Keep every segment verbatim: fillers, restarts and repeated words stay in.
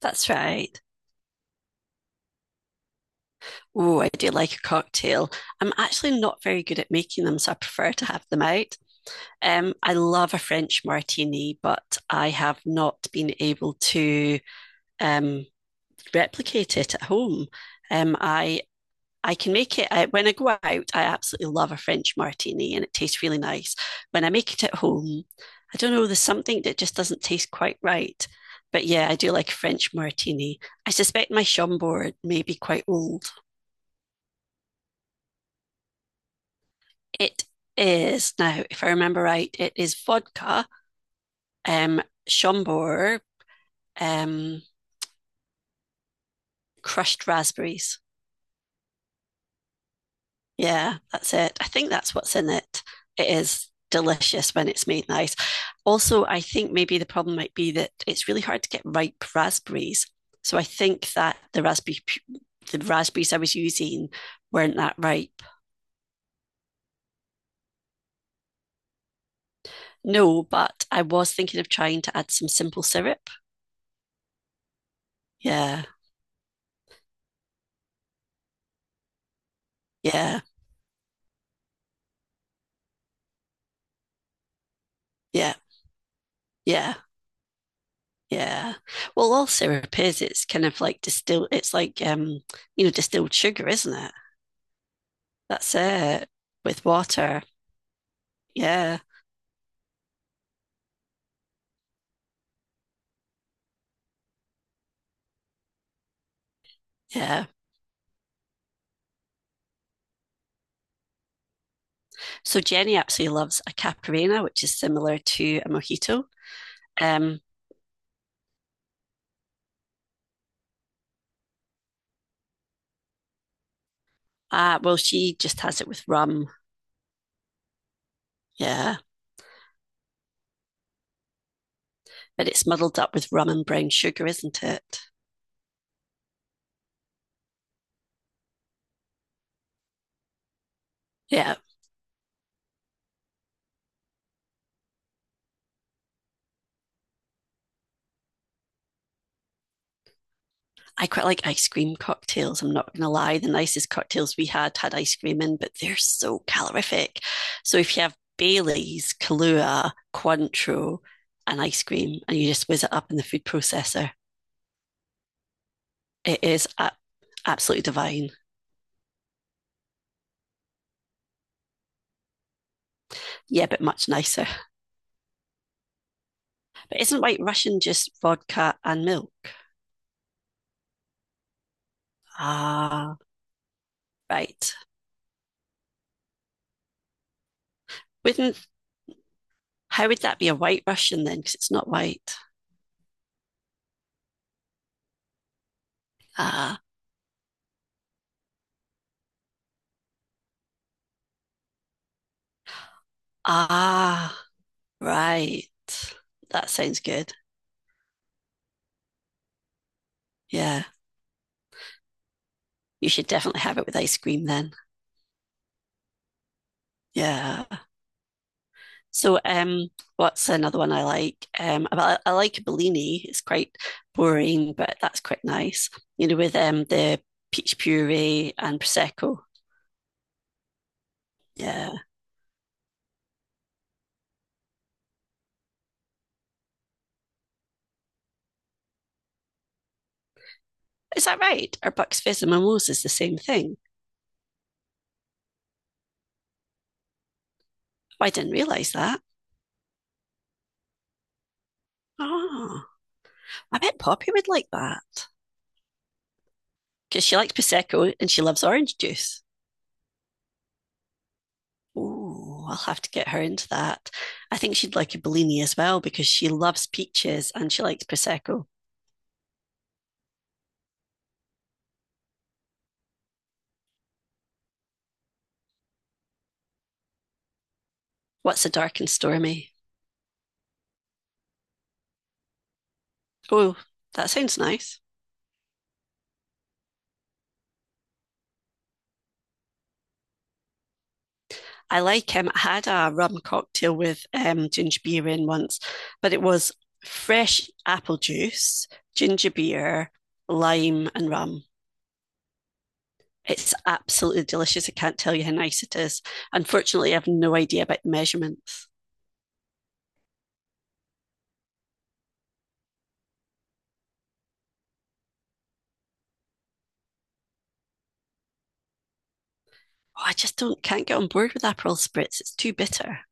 That's right. Oh, I do like a cocktail. I'm actually not very good at making them, so I prefer to have them out. Um, I love a French martini, but I have not been able to um, replicate it at home. Um, I I can make it I, when I go out. I absolutely love a French martini, and it tastes really nice. When I make it at home, I don't know. There's something that just doesn't taste quite right. But yeah, I do like a French martini. I suspect my Schomburg may be quite old. It is now, if I remember right, it is vodka, um, Schomburg, um, crushed raspberries. Yeah, that's it. I think that's what's in it. It is delicious when it's made nice. Also, I think maybe the problem might be that it's really hard to get ripe raspberries. So I think that the raspberry the raspberries I was using weren't that ripe. No, but I was thinking of trying to add some simple syrup. Yeah, yeah, yeah, yeah. Yeah. Well, all syrup is, it's kind of like distilled, it's like, um, you know, distilled sugar, isn't it? That's it with water. Yeah. Yeah. So Jenny actually loves a Caparina, which is similar to a mojito. Um, ah, well, she just has it with rum. Yeah. But it's muddled up with rum and brown sugar, isn't it? Yeah. I quite like ice cream cocktails. I'm not going to lie. The nicest cocktails we had had ice cream in, but they're so calorific. So if you have Bailey's, Kahlua, Cointreau, and ice cream, and you just whiz it up in the food processor, it is a- absolutely divine. Yeah, but much nicer. But isn't White Russian just vodka and milk? Ah, uh, right. Wouldn't how would that be a White Russian then? Because it's not white. Ah, uh, ah, right. That sounds good. Yeah. You should definitely have it with ice cream then. Yeah. So um what's another one I like? Um I, I like a Bellini. It's quite boring, but that's quite nice. You know, with um the peach puree and prosecco. Yeah. Is that right? Are Bucks Fizz and mimosas the same thing? Oh, I didn't realise that. Oh, I bet Poppy would like that because she likes prosecco and she loves orange juice. Oh, I'll have to get her into that. I think she'd like a Bellini as well because she loves peaches and she likes prosecco. What's a dark and stormy? Oh, that sounds nice. I like him. Um, I had a rum cocktail with um, ginger beer in once, but it was fresh apple juice, ginger beer, lime, and rum. It's absolutely delicious. I can't tell you how nice it is. Unfortunately, I have no idea about the measurements. Oh, I just don't can't get on board with Aperol spritz. It's too bitter.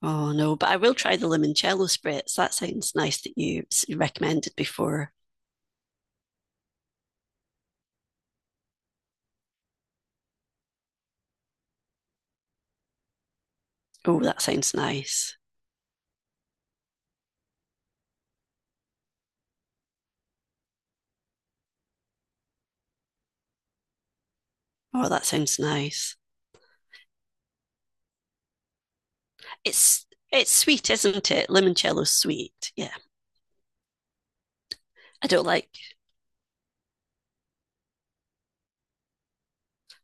Oh no, but I will try the limoncello spritz. That sounds nice that you recommended before. Oh, that sounds nice. Oh, that sounds nice. It's it's sweet, isn't it? Limoncello's sweet. Yeah. I don't like.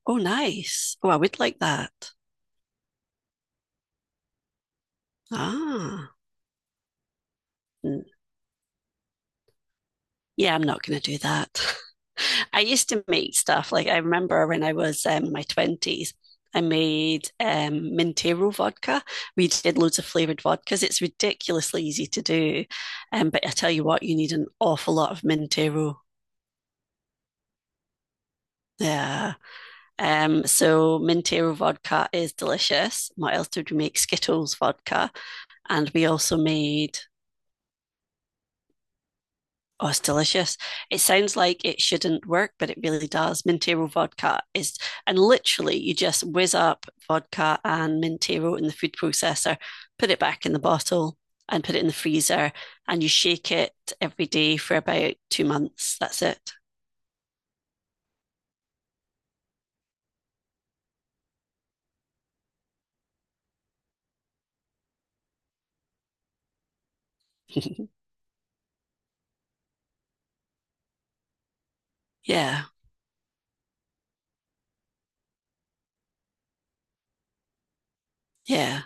Oh, nice. Oh, I would like that. Ah. Mm. Yeah, I'm not going to do that. I used to make stuff like I remember when I was um, in my twenties, I made um, Mintero vodka. We did loads of flavored vodkas. It's ridiculously easy to do. Um, but I tell you what, you need an awful lot of Mintero. Yeah. Um, so Mintero vodka is delicious. What else did we make? Skittles vodka, and we also made. Oh, it's delicious. It sounds like it shouldn't work, but it really does. Mintero vodka is, and literally, you just whiz up vodka and Mintero in the food processor, put it back in the bottle, and put it in the freezer, and you shake it every day for about two months. That's it. yeah, yeah,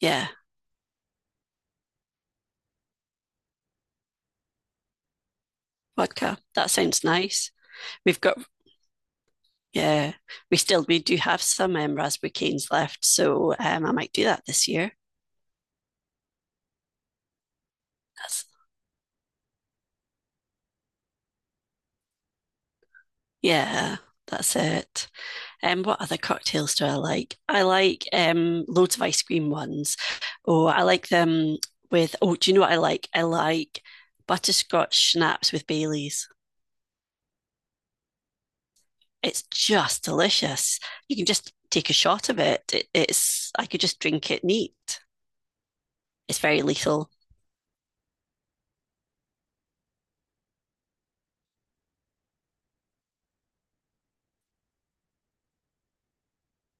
yeah. Vodka. That sounds nice. We've got Yeah, we still we do have some um, raspberry canes left, so um, I might do that this year. That's yeah, that's it. Um, what other cocktails do I like? I like um loads of ice cream ones. Oh, I like them with oh, do you know what I like? I like butterscotch schnapps with Baileys. It's just delicious. You can just take a shot of it. It, it's I could just drink it neat. It's very lethal.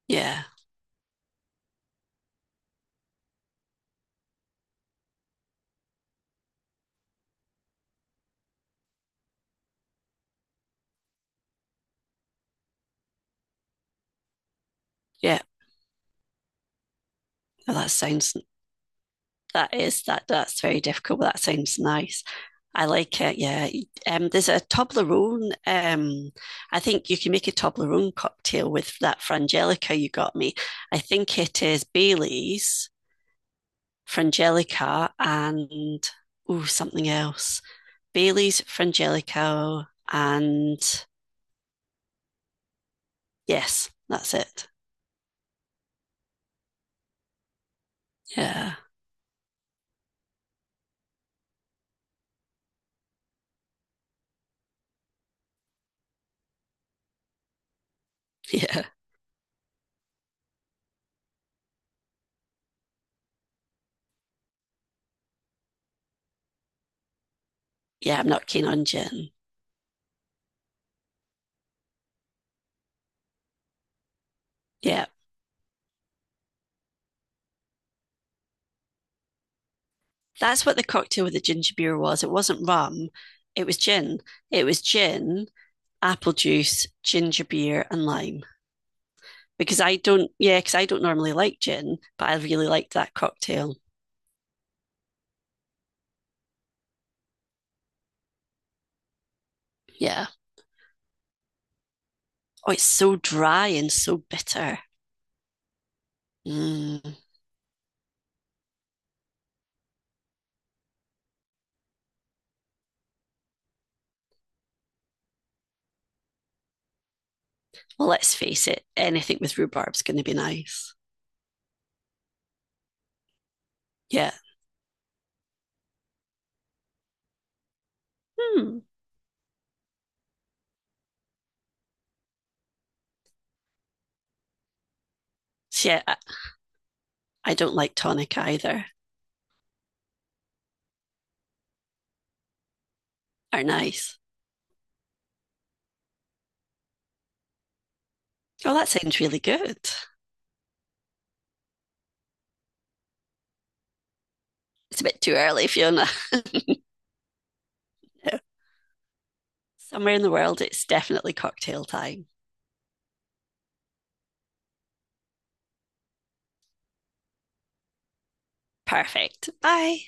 Yeah, yeah. Well, That sounds that is that that's very difficult, but that sounds nice. I like it. Yeah. Um, there's a Toblerone. Um, I think you can make a Toblerone cocktail with that frangelica you got me. I think it is Bailey's frangelica and oh something else. Bailey's frangelica and yes, that's it. Yeah, yeah, yeah. I'm not keen on gin. Yeah. That's what the cocktail with the ginger beer was. It wasn't rum, it was gin. It was gin, apple juice, ginger beer, and lime. Because I don't, yeah, because I don't normally like gin, but I really liked that cocktail. Yeah. Oh, it's so dry and so bitter. Mm. Well, let's face it, anything with rhubarb's going to be nice. Yeah. Hmm. So, yeah, I, I don't like tonic either. Are nice. Oh, that sounds really good. It's a bit too early, Fiona. Somewhere in the world, it's definitely cocktail time. Perfect. Bye.